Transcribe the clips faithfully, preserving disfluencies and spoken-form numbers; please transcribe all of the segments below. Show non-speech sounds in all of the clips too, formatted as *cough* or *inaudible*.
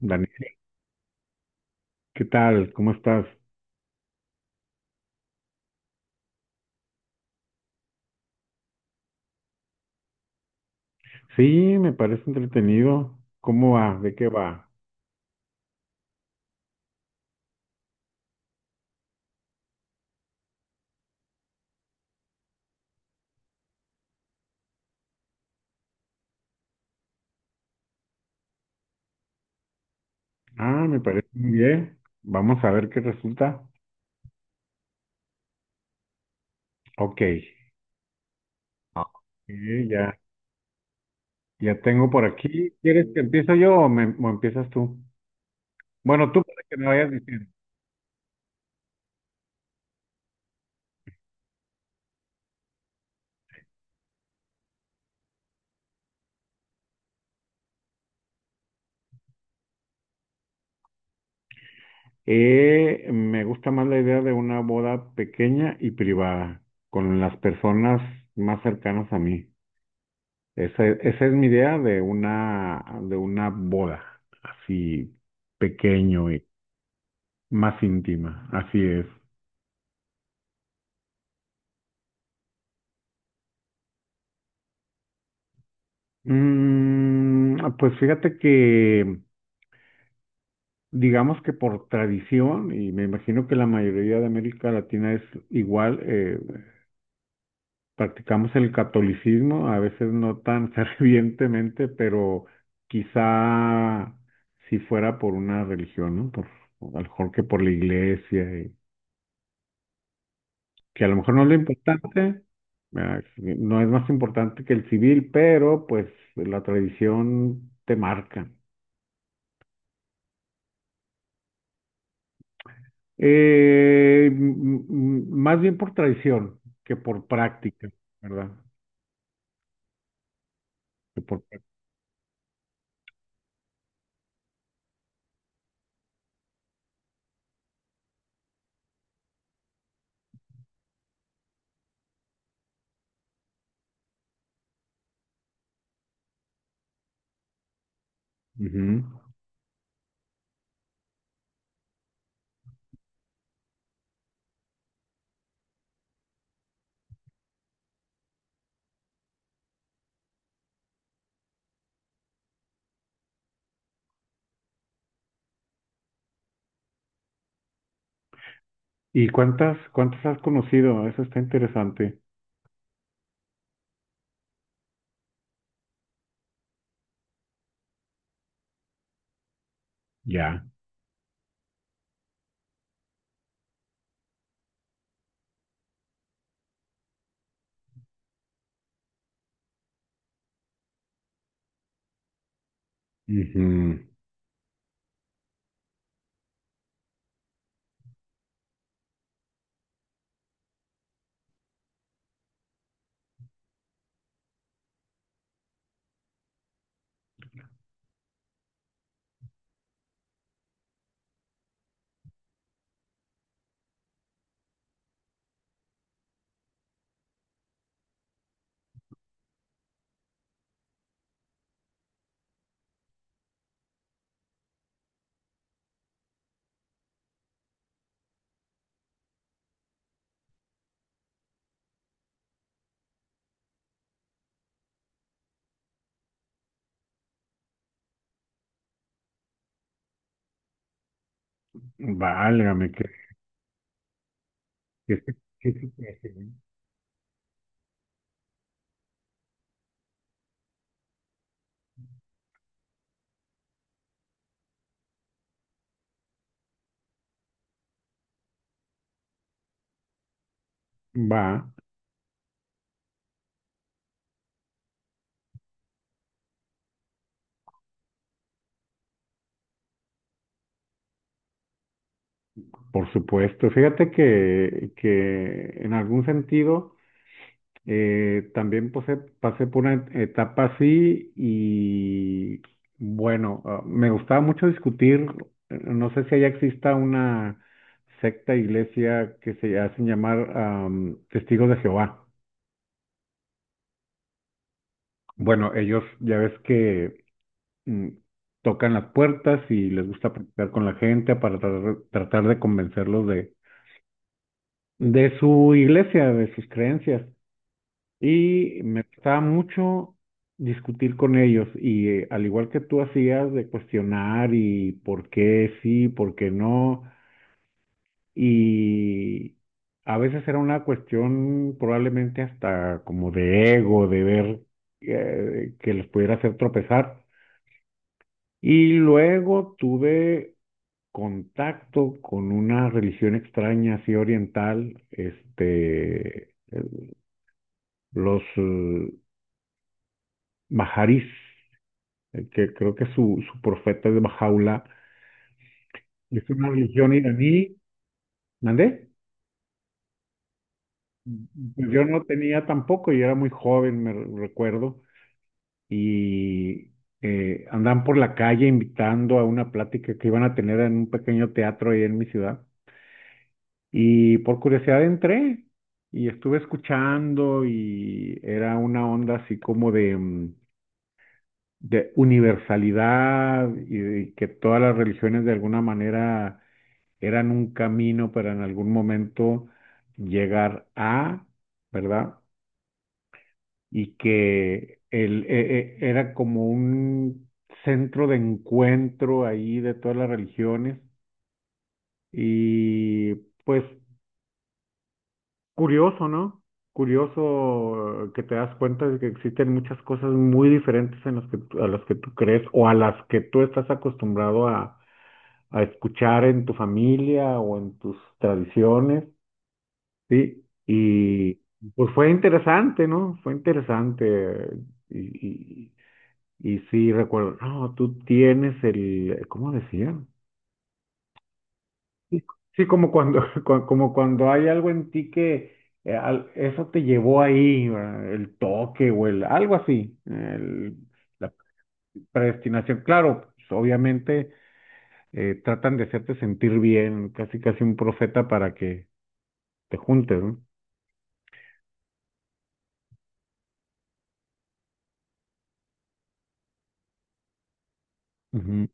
Daniel, ¿qué tal? ¿Cómo estás? Sí, me parece entretenido. ¿Cómo va? ¿De qué va? Ah, me parece muy bien. Vamos a ver qué resulta. Ok. Ah, sí, ya, ya tengo por aquí. ¿Quieres que empiezo yo o, me- o empiezas tú? Bueno, tú para que me vayas diciendo. Eh, me gusta más la idea de una boda pequeña y privada, con las personas más cercanas a mí. Esa, esa es mi idea de una, de una boda, así pequeño y más íntima, así es. Mm, pues fíjate que, digamos que por tradición, y me imagino que la mayoría de América Latina es igual, eh, practicamos el catolicismo, a veces no tan *laughs* fervientemente, pero quizá si fuera por una religión, ¿no? Por, a lo mejor que por la iglesia. Que a lo mejor no es lo importante, ¿verdad? No es más importante que el civil, pero pues la tradición te marca. Eh, m- m- más bien por tradición que por práctica, ¿verdad? Que por práctica. Ujú. ¿Y cuántas, cuántas has conocido? Eso está interesante. Ya. Ujú. Válgame, que, que, que- que- que- va, por supuesto. Fíjate que, que en algún sentido. Eh, también pasé, pasé por una etapa así y bueno, ah, me gustaba mucho discutir, eh, no sé si allá exista una secta, iglesia que se hacen llamar am, Testigos de Jehová. Bueno, ellos ya ves que mm, tocan las puertas y les gusta platicar con la gente para tratar, tratar de convencerlos de, de su iglesia, de sus creencias. Y me gustaba mucho discutir con ellos y eh, al igual que tú hacías de cuestionar y por qué sí, por qué no, y a veces era una cuestión probablemente hasta como de ego, de ver eh, que les pudiera hacer tropezar. Y luego tuve contacto con una religión extraña, así oriental, este, los eh, bajarís. Eh, que creo que su, su profeta es Bajaula, es una religión iraní. ¿Mandé? Pues yo no tenía tampoco, yo era muy joven, me re- recuerdo, y eh, andaban por la calle invitando a una plática que iban a tener en un pequeño teatro ahí en mi ciudad, y por curiosidad entré y estuve escuchando y era una onda así como de... mm, de universalidad y de que todas las religiones de alguna manera eran un camino para en algún momento llegar a, ¿verdad? Y que el, e- e- era como un centro de encuentro ahí de todas las religiones y pues curioso, ¿no? Curioso, eh, que te das cuenta de que existen muchas cosas muy diferentes en las que, tú- a las que tú crees o a las que tú estás acostumbrado a, a escuchar en tu familia o en tus tradiciones. Sí, y pues fue interesante, ¿no? Fue interesante. Y, y, y sí, recuerdo, no, tú tienes el, ¿cómo decían? Sí, sí, como cuando *laughs* cua- como cuando hay algo en ti que eh, al- eso te llevó ahí, ¿verdad? El toque o el, algo así, el- la predestinación. Claro, pues, obviamente eh, tratan de hacerte sentir bien, casi casi un profeta para que te juntes, ¿no? Ujú.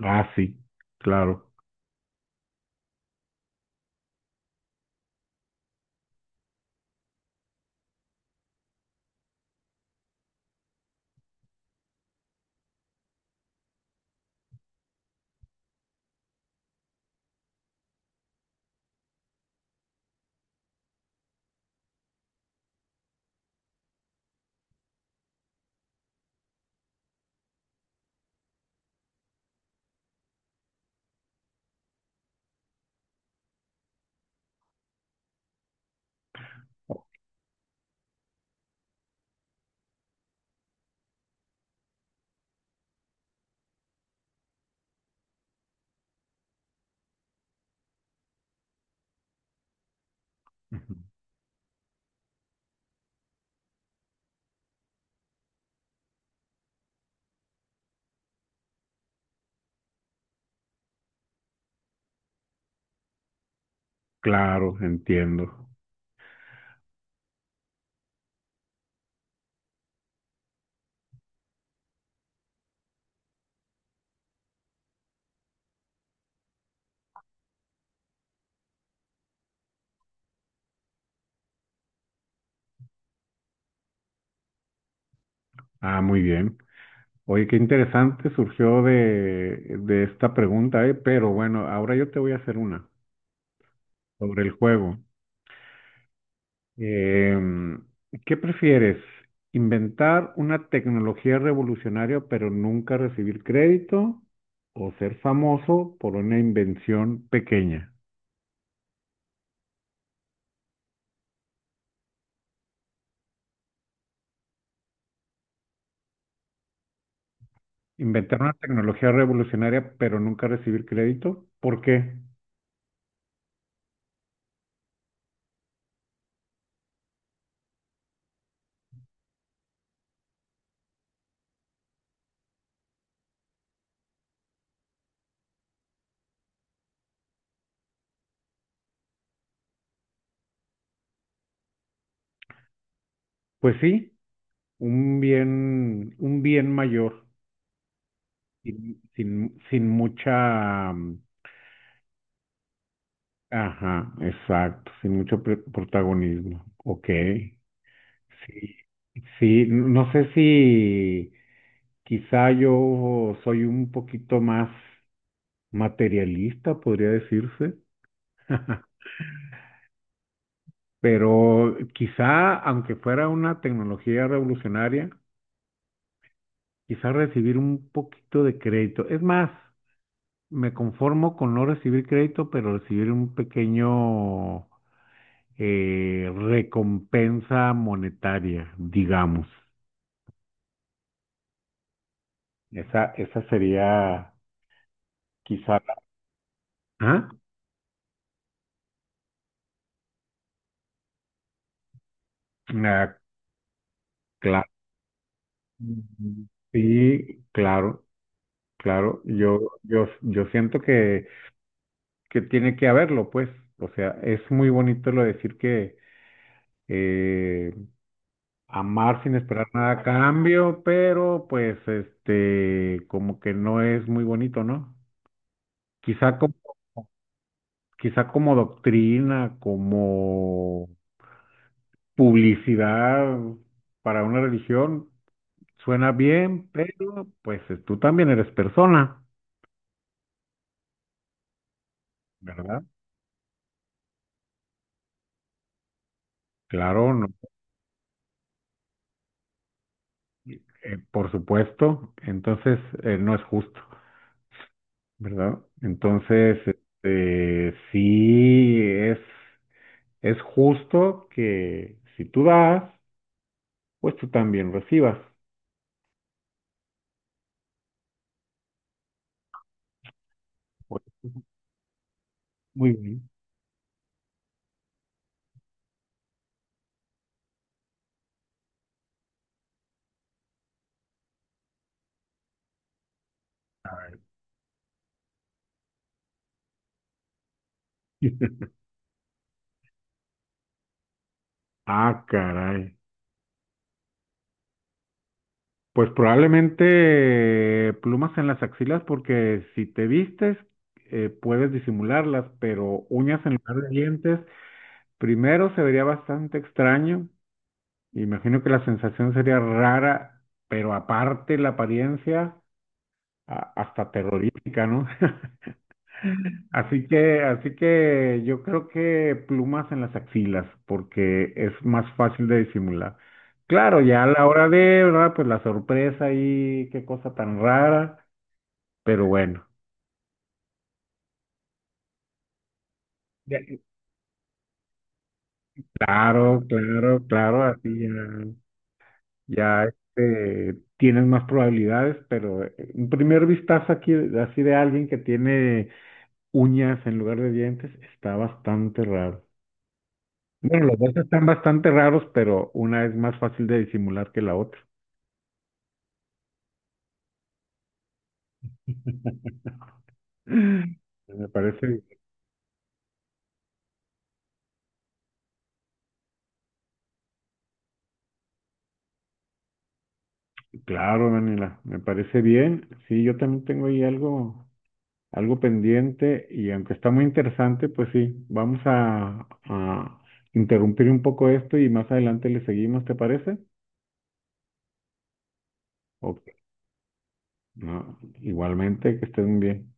Ah, sí, claro. Ujú. Claro, entiendo. Ah, muy bien. Oye, qué interesante surgió de, de esta pregunta, ¿eh? Pero bueno, ahora yo te voy a hacer una sobre el juego. Em, ¿Qué prefieres? ¿Inventar una tecnología revolucionaria pero nunca recibir crédito? ¿O ser famoso por una invención pequeña? ¿Inventar una tecnología revolucionaria pero nunca recibir crédito? ¿Por qué? Pues sí, un bien, un bien mayor. Sin, sin, sin mucha, mm, ajá, exacto, sin mucho pre- protagonismo. Ok, sí, sí, no sé si quizá yo soy un poquito más materialista, podría decirse, *laughs* pero quizá, aunque fuera una tecnología revolucionaria, quizá recibir un poquito de crédito. Es más, me conformo con no recibir crédito, pero recibir un pequeño eh, recompensa monetaria, digamos. Esa, esa sería quizá la... ¿Ah? Ah, cla- sí, claro, claro. Yo, yo, yo siento que, que tiene que haberlo, pues. O sea, es muy bonito lo de decir que eh, amar sin esperar nada a cambio, pero pues este, como que no es muy bonito, ¿no? Quizá como quizá como doctrina, como publicidad para una religión, suena bien, pero pues eh, tú también eres persona, ¿verdad? Claro, no, eh, por supuesto, entonces eh, no es justo, ¿verdad? Entonces, este, sí es, es justo que si tú das, pues tú también recibas. Pues, muy bien. A ver. *laughs* Ah, caray. Pues probablemente plumas en las axilas porque si te vistes eh, puedes disimularlas, pero uñas en lugar de dientes, primero se vería bastante extraño. Imagino que la sensación sería rara, pero aparte la apariencia a- hasta terrorífica, ¿no? *laughs* Así que, así que yo creo que plumas en las axilas porque es más fácil de disimular. Claro, ya a la hora de, ¿verdad? Pues la sorpresa y qué cosa tan rara. Pero bueno, De- claro, claro, claro, así ya, ya este, tienes más probabilidades, pero eh, un primer vistazo aquí, así de alguien que tiene uñas en lugar de dientes, está bastante raro. Bueno, los dos están bastante raros, pero una es más fácil de disimular que la otra. *laughs* Me parece, claro, Daniela, me parece bien. Sí, yo también tengo ahí algo. algo pendiente y aunque está muy interesante, pues sí, vamos a, a interrumpir un poco esto y más adelante le seguimos, ¿te parece? O- no, igualmente, que estén bien.